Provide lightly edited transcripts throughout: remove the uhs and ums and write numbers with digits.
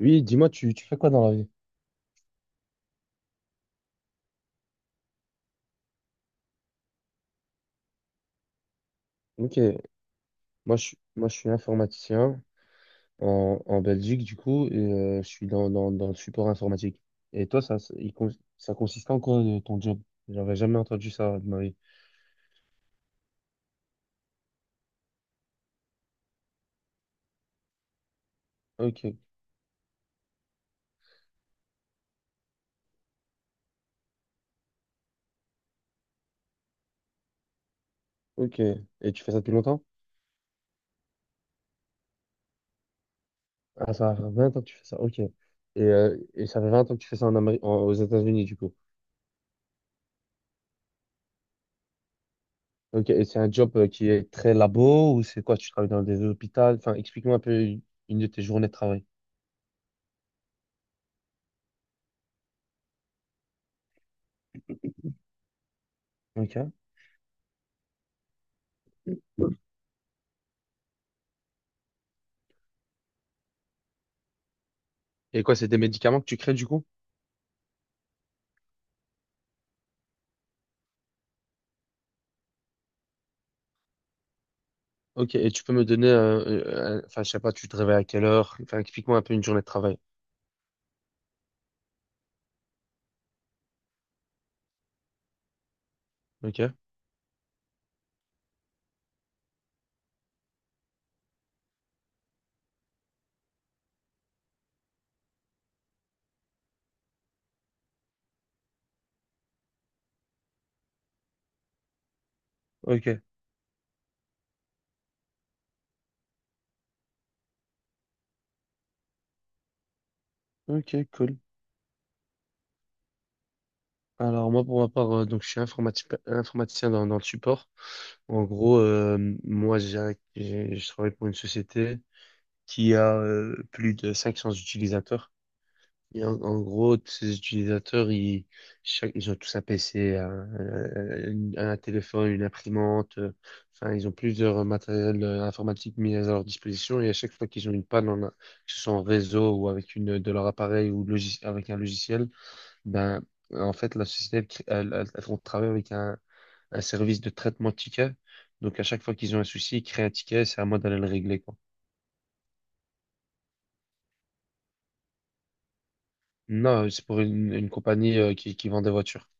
Oui, dis-moi, tu fais quoi dans la vie? Ok, moi, je suis informaticien en Belgique, du coup, et je suis dans le support informatique. Et toi, ça consiste en quoi ton job? J'aurais jamais entendu ça de ma vie. Ok, ok. Et tu fais ça depuis longtemps? Ah, ça fait 20 ans que tu fais ça, ok. Et ça fait 20 ans que tu fais ça en Amérique, aux États-Unis, du coup. Ok, et c'est un job qui est très labo ou c'est quoi? Tu travailles dans des hôpitaux? Enfin, explique-moi un peu une de tes journées de travail. Ok. Et quoi, c'est des médicaments que tu crées, du coup? Ok, et tu peux me donner, enfin, je sais pas, tu te réveilles à quelle heure? Enfin, explique-moi un peu une journée de travail. Ok, ok, ok, cool. Alors moi, pour ma part, donc je suis informaticien dans le support. En gros, moi, je travaille pour une société qui a plus de 500 utilisateurs. Et en gros, tous ces utilisateurs, ils ont tous un PC, un téléphone, une imprimante. Enfin, ils ont plusieurs matériels informatiques mis à leur disposition. Et à chaque fois qu'ils ont une panne, en que ce soit en réseau ou avec une, de leur appareil ou logis- avec un logiciel, ben, en fait, la société, elle, crée- elle, elle- elle- on travaille avec un service de traitement de tickets. Donc, à chaque fois qu'ils ont un souci, ils créent un ticket. C'est à moi d'aller le régler, quoi. Non, c'est pour une compagnie, qui vend des voitures.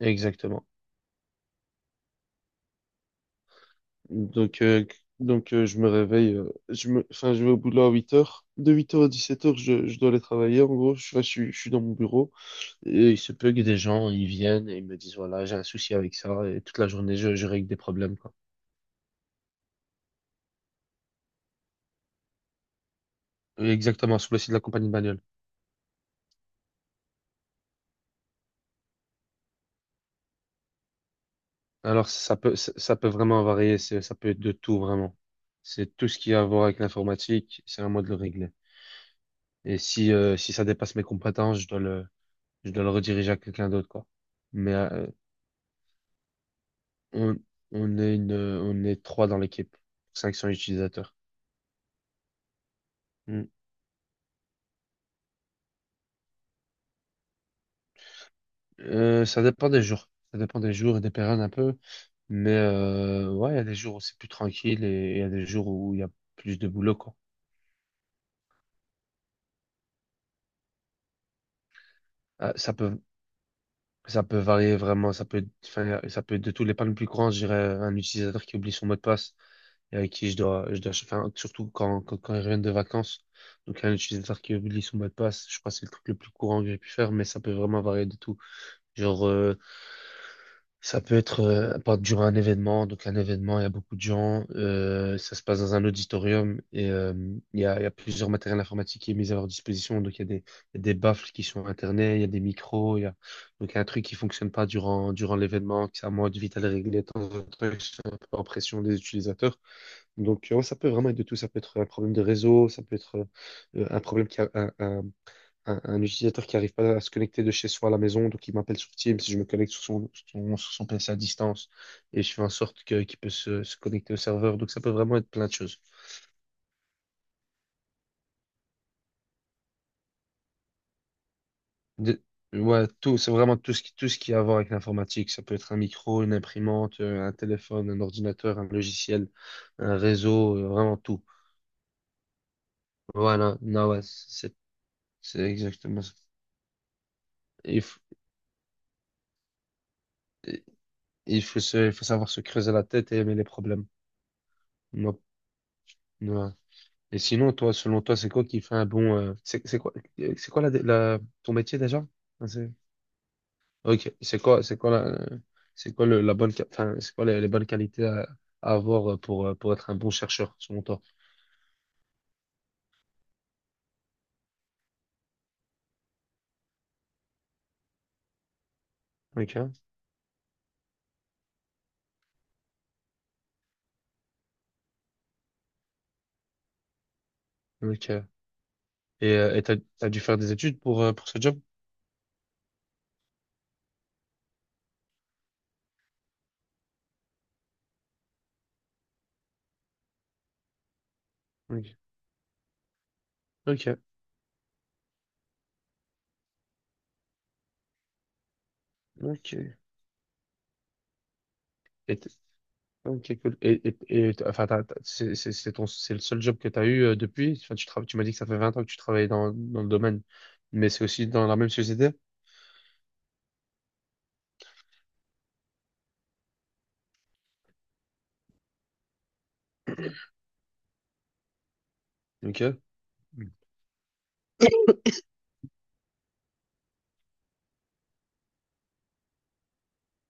Exactement. Donc, euh, donc, je me réveille, je vais au boulot à 8h. De 8h à 17h, je dois aller travailler. En gros, je suis dans mon bureau et il se peut que des gens, ils viennent et ils me disent, voilà, j'ai un souci avec ça et toute la journée, je règle des problèmes, quoi. Oui, exactement, sur le site de la compagnie de bagnole. Alors, ça peut vraiment varier, ça peut être de tout, vraiment. C'est tout ce qui a à voir avec l'informatique, c'est à moi de le régler. Et si ça dépasse mes compétences, je dois le rediriger à quelqu'un d'autre, quoi. Mais, On, on est trois dans l'équipe, 500 utilisateurs. Mm. Ça dépend des jours. Ça dépend des jours et des périodes un peu. Mais, ouais, il y a des jours où c'est plus tranquille et il y a des jours où il y a plus de boulot, quoi. Ah, ça peut varier vraiment. Ça peut être de tous les pas le plus grand, je dirais, un utilisateur qui oublie son mot de passe et avec qui surtout quand ils reviennent de vacances. Donc, un utilisateur qui oublie son mot de passe, je crois que c'est le truc le plus courant que j'ai pu faire, mais ça peut vraiment varier de tout. Genre, ça peut être pas durant un événement. Donc, un événement, il y a beaucoup de gens. Ça se passe dans un auditorium et il y a plusieurs matériels informatiques qui est mis à leur disposition. Donc, il y a des baffles qui sont internet il y a des micros. Il y a. Donc, il y a un truc qui fonctionne pas durant l'événement, que c'est à moi de vite aller régler de temps en temps. Que Je suis un peu en pression des utilisateurs. Donc, ouais, ça peut vraiment être de tout. Ça peut être un problème de réseau, ça peut être un problème qui a, un utilisateur qui n'arrive pas à se connecter de chez soi à la maison, donc il m'appelle sur Teams, je me connecte sur son PC à distance et je fais en sorte que, qu'il peut se connecter au serveur. Donc ça peut vraiment être plein de choses. De- ouais, tout, c'est vraiment tout ce qui a à voir avec l'informatique. Ça peut être un micro, une imprimante, un téléphone, un ordinateur, un logiciel, un réseau, vraiment tout. Voilà, non, ouais, c'est exactement ça. Il faut, il faut savoir se creuser la tête et aimer les problèmes. Non, et sinon, toi, selon toi, c'est quoi qui fait c'est quoi, c'est quoi ton métier déjà? Enfin. Ok, c'est quoi la, c'est quoi le- la bonne, qua- enfin, c'est quoi les bonnes qualités à avoir pour être un bon chercheur, selon toi? Ok, ok. Et t'as dû faire des études pour ce job? Ok, ok, ok. Et t- ok, cool. C'est le seul job que tu as eu depuis? Enfin, tu m'as dit que ça fait 20 ans que tu travailles dans le domaine, mais c'est aussi dans la même société? Ok.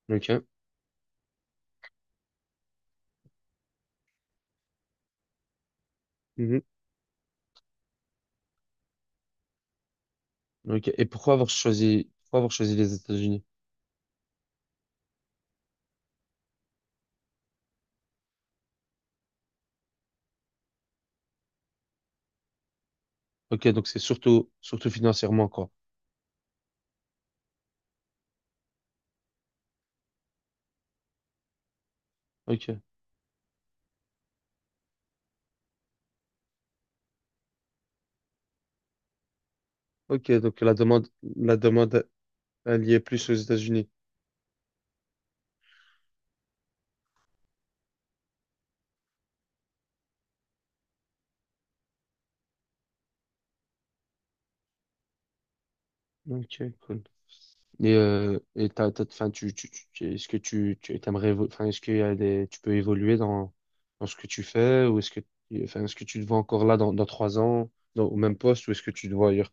Ok. Mhm. Ok. Et pourquoi avoir choisi les États-Unis? Ok, donc c'est surtout financièrement, quoi. Ok. Ok, donc la demande, elle y est plus aux États-Unis. Ok, cool. Et tu t'aimerais, évo- enfin, est-ce qu'il y a des, tu peux évoluer dans ce que tu fais, ou est-ce que tu te vois encore là dans 3 ans, au même poste, ou est-ce que tu te vois ailleurs?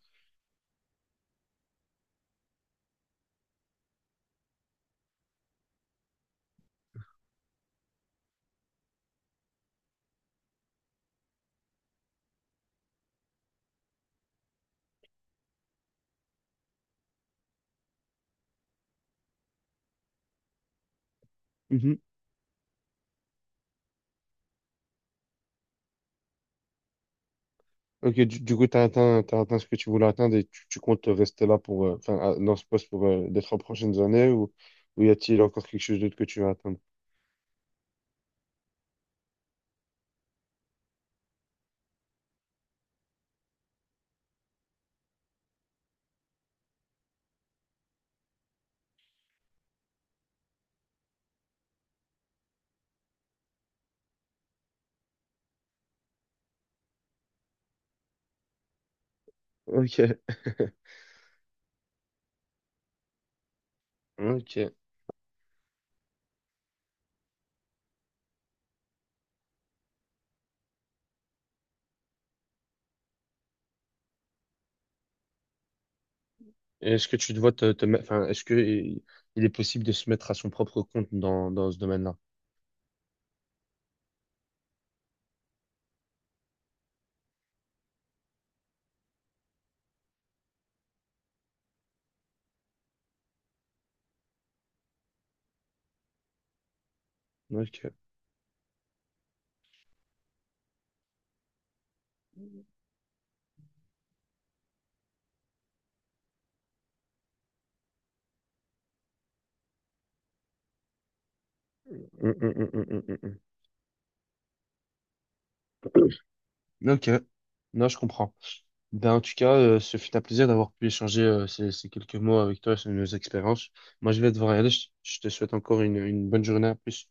Ok, du coup, t'as atteint ce que tu voulais atteindre et tu comptes rester là dans ce poste pour les 3 prochaines années ou y a-t-il encore quelque chose d'autre que tu veux atteindre? Ok, ok. Et est-ce que tu te vois te, te mettre, enfin, est-ce que il est possible de se mettre à son propre compte dans ce domaine-là? Ok. Hum, hum, hum, hum, hum, hum, Ok. Non, je comprends. Ben, en tout cas, ce fut un plaisir d'avoir pu échanger ces quelques mots avec toi sur nos expériences. Moi, je vais devoir y aller. Je te souhaite encore une bonne journée. À plus.